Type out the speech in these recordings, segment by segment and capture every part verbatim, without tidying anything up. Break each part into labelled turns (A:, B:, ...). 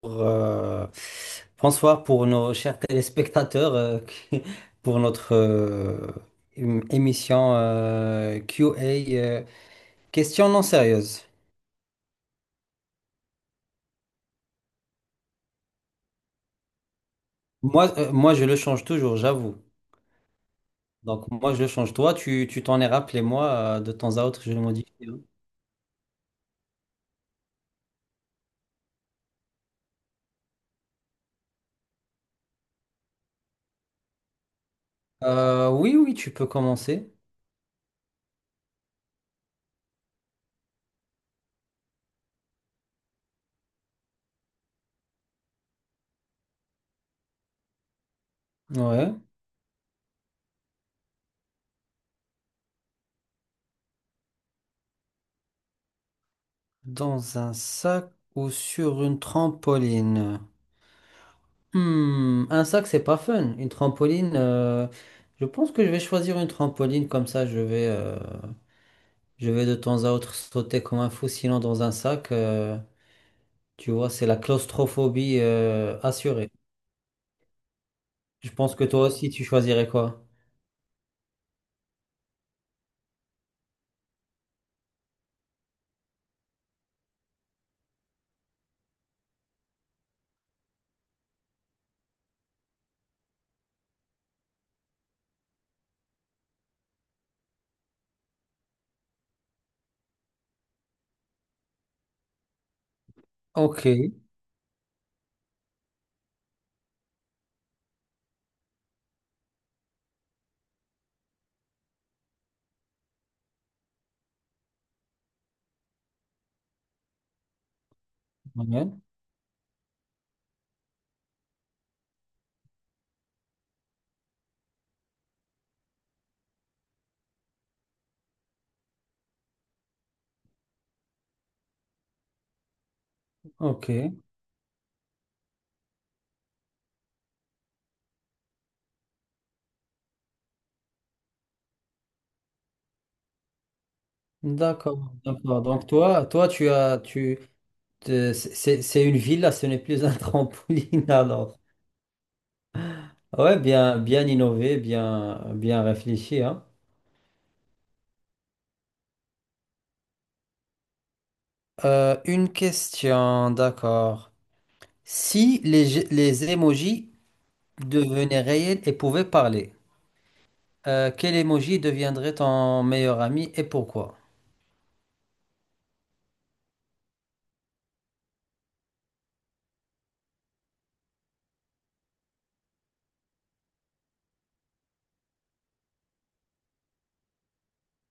A: pour, euh, Bonsoir pour nos chers téléspectateurs, euh, qui- pour notre euh, ém- émission euh, Q A, euh, question non sérieuse. Moi, euh, moi, je le change toujours, j'avoue. Donc, moi, je le change. Toi, tu tu t'en es rappelé, moi, euh, de temps à autre, je le modifie. Hein. Euh, oui, oui, tu peux commencer. Ouais. Dans un sac ou sur une trampoline. Hmm, un sac, c'est pas fun. Une trampoline, euh, je pense que je vais choisir une trampoline comme ça. Je vais, euh, je vais de temps à autre sauter comme un fou. Sinon, dans un sac, euh, tu vois, c'est la claustrophobie, euh, assurée. Je pense que toi aussi, tu choisirais quoi? Ok, ouais, ok, d'accord, d'accord. Donc toi, toi, tu as, tu, te- c'est c'est une villa, ce n'est plus un trampoline alors. Ouais, bien, bien innové, bien, bien réfléchi, hein. Euh, une question, d'accord. Si les, je- Les émojis devenaient réels et pouvaient parler, euh, quel émoji deviendrait ton meilleur ami et pourquoi?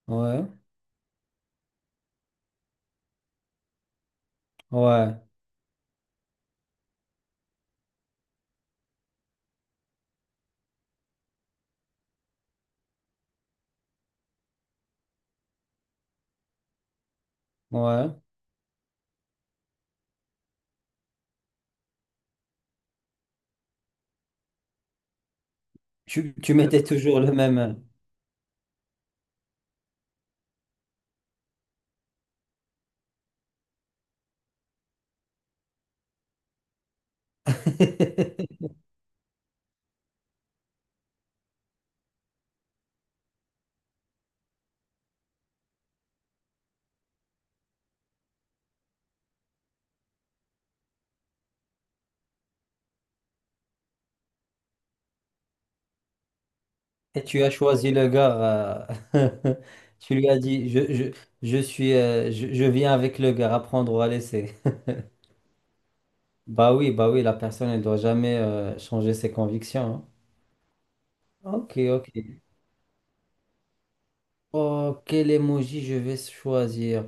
A: Ouais, ouais, ouais. Tu, tu mettais toujours le même. Et tu as choisi le gars. euh, Tu lui as dit, je, je, je suis, euh, je, je viens avec le gars, à prendre ou à laisser. Bah oui, bah oui, la personne, elle doit jamais euh, changer ses convictions. Hein. Ok, ok. Oh, quel emoji je vais choisir?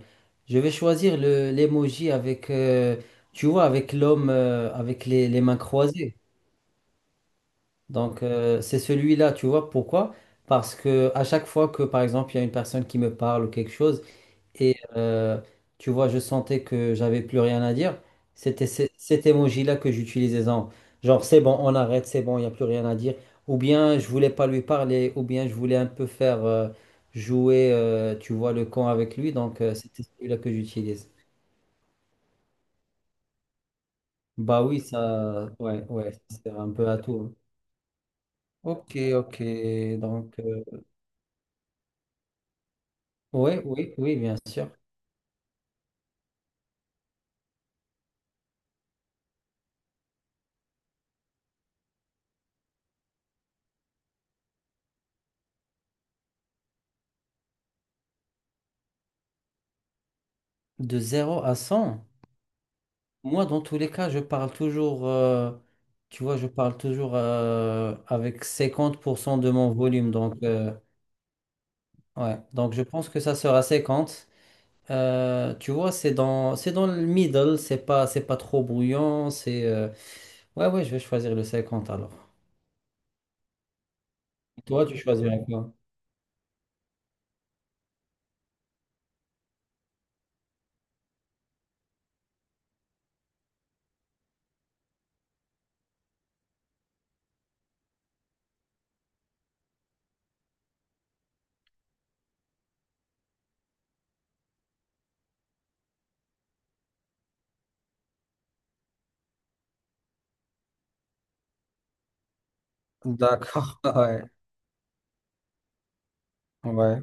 A: Je vais choisir le l'emoji avec, euh, tu vois, avec l'homme euh, avec les, les mains croisées. Donc, euh, c'est celui-là, tu vois, pourquoi? Parce que à chaque fois que, par exemple, il y a une personne qui me parle ou quelque chose, et euh, tu vois, je sentais que j'avais plus rien à dire. C'était ce- cet emoji-là que j'utilisais. en- Genre, c'est bon, on arrête, c'est bon, il n'y a plus rien à dire. Ou bien je voulais pas lui parler, ou bien je voulais un peu faire euh, jouer, euh, tu vois, le con avec lui. Donc, euh, c'était celui-là que j'utilise. Bah oui, ça, ouais, ouais, ça sert un peu à tout. Hein. Ok, ok. Donc, euh, ouais, oui, oui, bien sûr. De zéro à cent. Moi, dans tous les cas, je parle toujours, euh, tu vois, je parle toujours euh, avec cinquante pour cent de mon volume. Donc, euh, ouais. Donc, je pense que ça sera cinquante. Euh, tu vois, c'est dans, c'est dans le middle, c'est pas, c'est pas trop bruyant. C'est, euh, ouais, ouais, je vais choisir le cinquante alors. Toi, tu choisirais quoi? D'accord, ouais, ouais,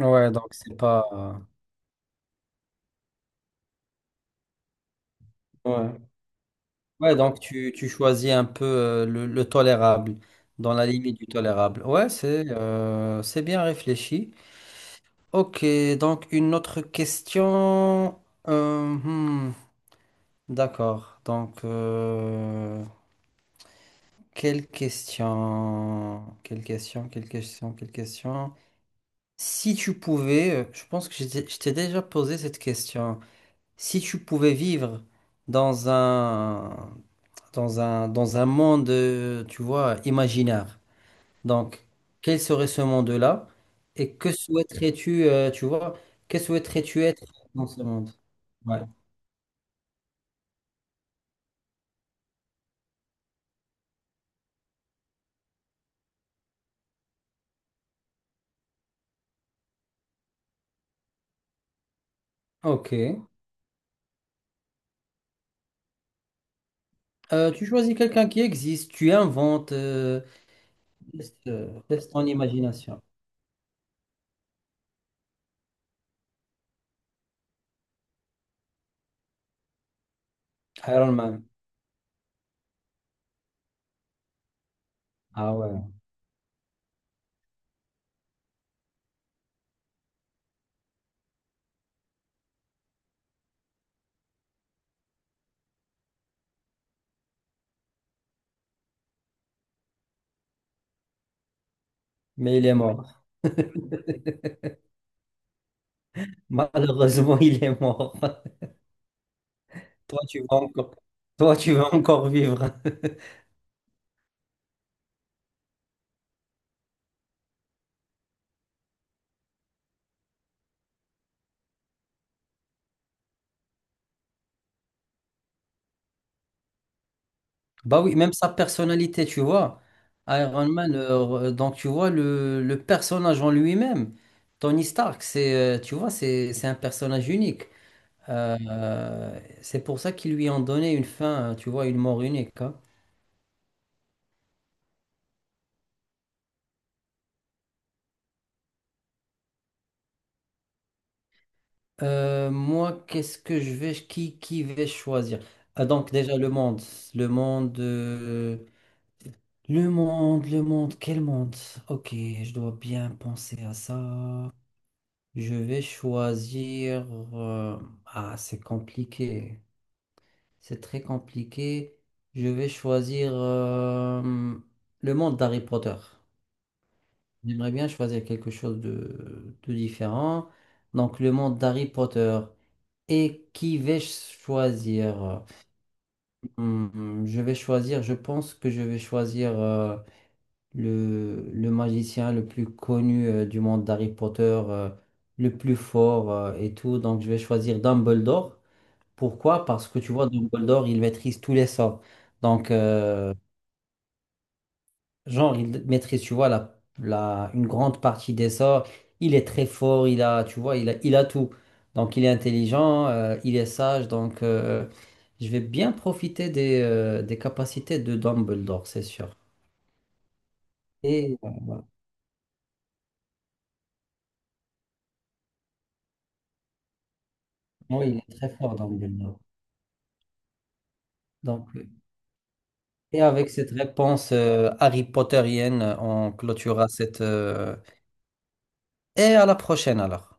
A: ouais, donc c'est pas. euh, Ouais. Ouais, donc tu, tu choisis un peu euh, le, le tolérable, dans la limite du tolérable. Ouais, c'est euh, c'est bien réfléchi. Ok, donc une autre question. Euh, hmm, d'accord. Donc, euh, quelle question? Quelle question? Quelle question? Quelle question? Si tu pouvais, euh, je pense que je t'ai je t'ai déjà posé cette question. Si tu pouvais vivre dans un, dans un, dans un monde, euh, tu vois, imaginaire, donc quel serait ce monde-là et que souhaiterais-tu, euh, tu vois, que souhaiterais-tu être dans ce monde? Ouais. Ok. Euh, tu choisis quelqu'un qui existe, tu inventes, euh, laisse, euh, laisse ton imagination. Iron Man. Ah ouais. Mais il est mort. Malheureusement, il est mort. Toi, tu vas encore, Toi, tu vas encore vivre. Bah oui, même sa personnalité, tu vois. Iron Man, euh, donc tu vois, le, le personnage en lui-même, Tony Stark, c'est, euh, tu vois, c'est, c'est un personnage unique. Euh, euh, c'est pour ça qu'ils lui ont donné une fin, euh, tu vois, une mort unique. Hein. Euh, moi, qu'est-ce que je vais, qui, qui vais choisir? Ah, donc déjà le monde, le monde, euh, le monde, le monde, quel monde? Ok, je dois bien penser à ça. Je vais choisir. euh, Ah, c'est compliqué. C'est très compliqué. Je vais choisir euh, le monde d'Harry Potter. J'aimerais bien choisir quelque chose de, de différent. Donc, le monde d'Harry Potter. Et qui vais-je choisir? Hmm, je vais choisir, je pense que je vais choisir. Euh, le, le magicien le plus connu euh, du monde d'Harry Potter, euh, le plus fort euh, et tout. Donc, je vais choisir Dumbledore. Pourquoi? Parce que tu vois, Dumbledore, il maîtrise tous les sorts. Donc, euh, genre, il maîtrise, tu vois, la, la, une grande partie des sorts. Il est très fort, il a, tu vois, il a, il a tout. Donc, il est intelligent, euh, il est sage. Donc, euh, je vais bien profiter des, euh, des capacités de Dumbledore, c'est sûr. Et euh, voilà. Oui, il est très fort, Dumbledore. Donc, et avec cette réponse euh, Harry Potterienne, on clôturera cette... euh, Et à la prochaine alors.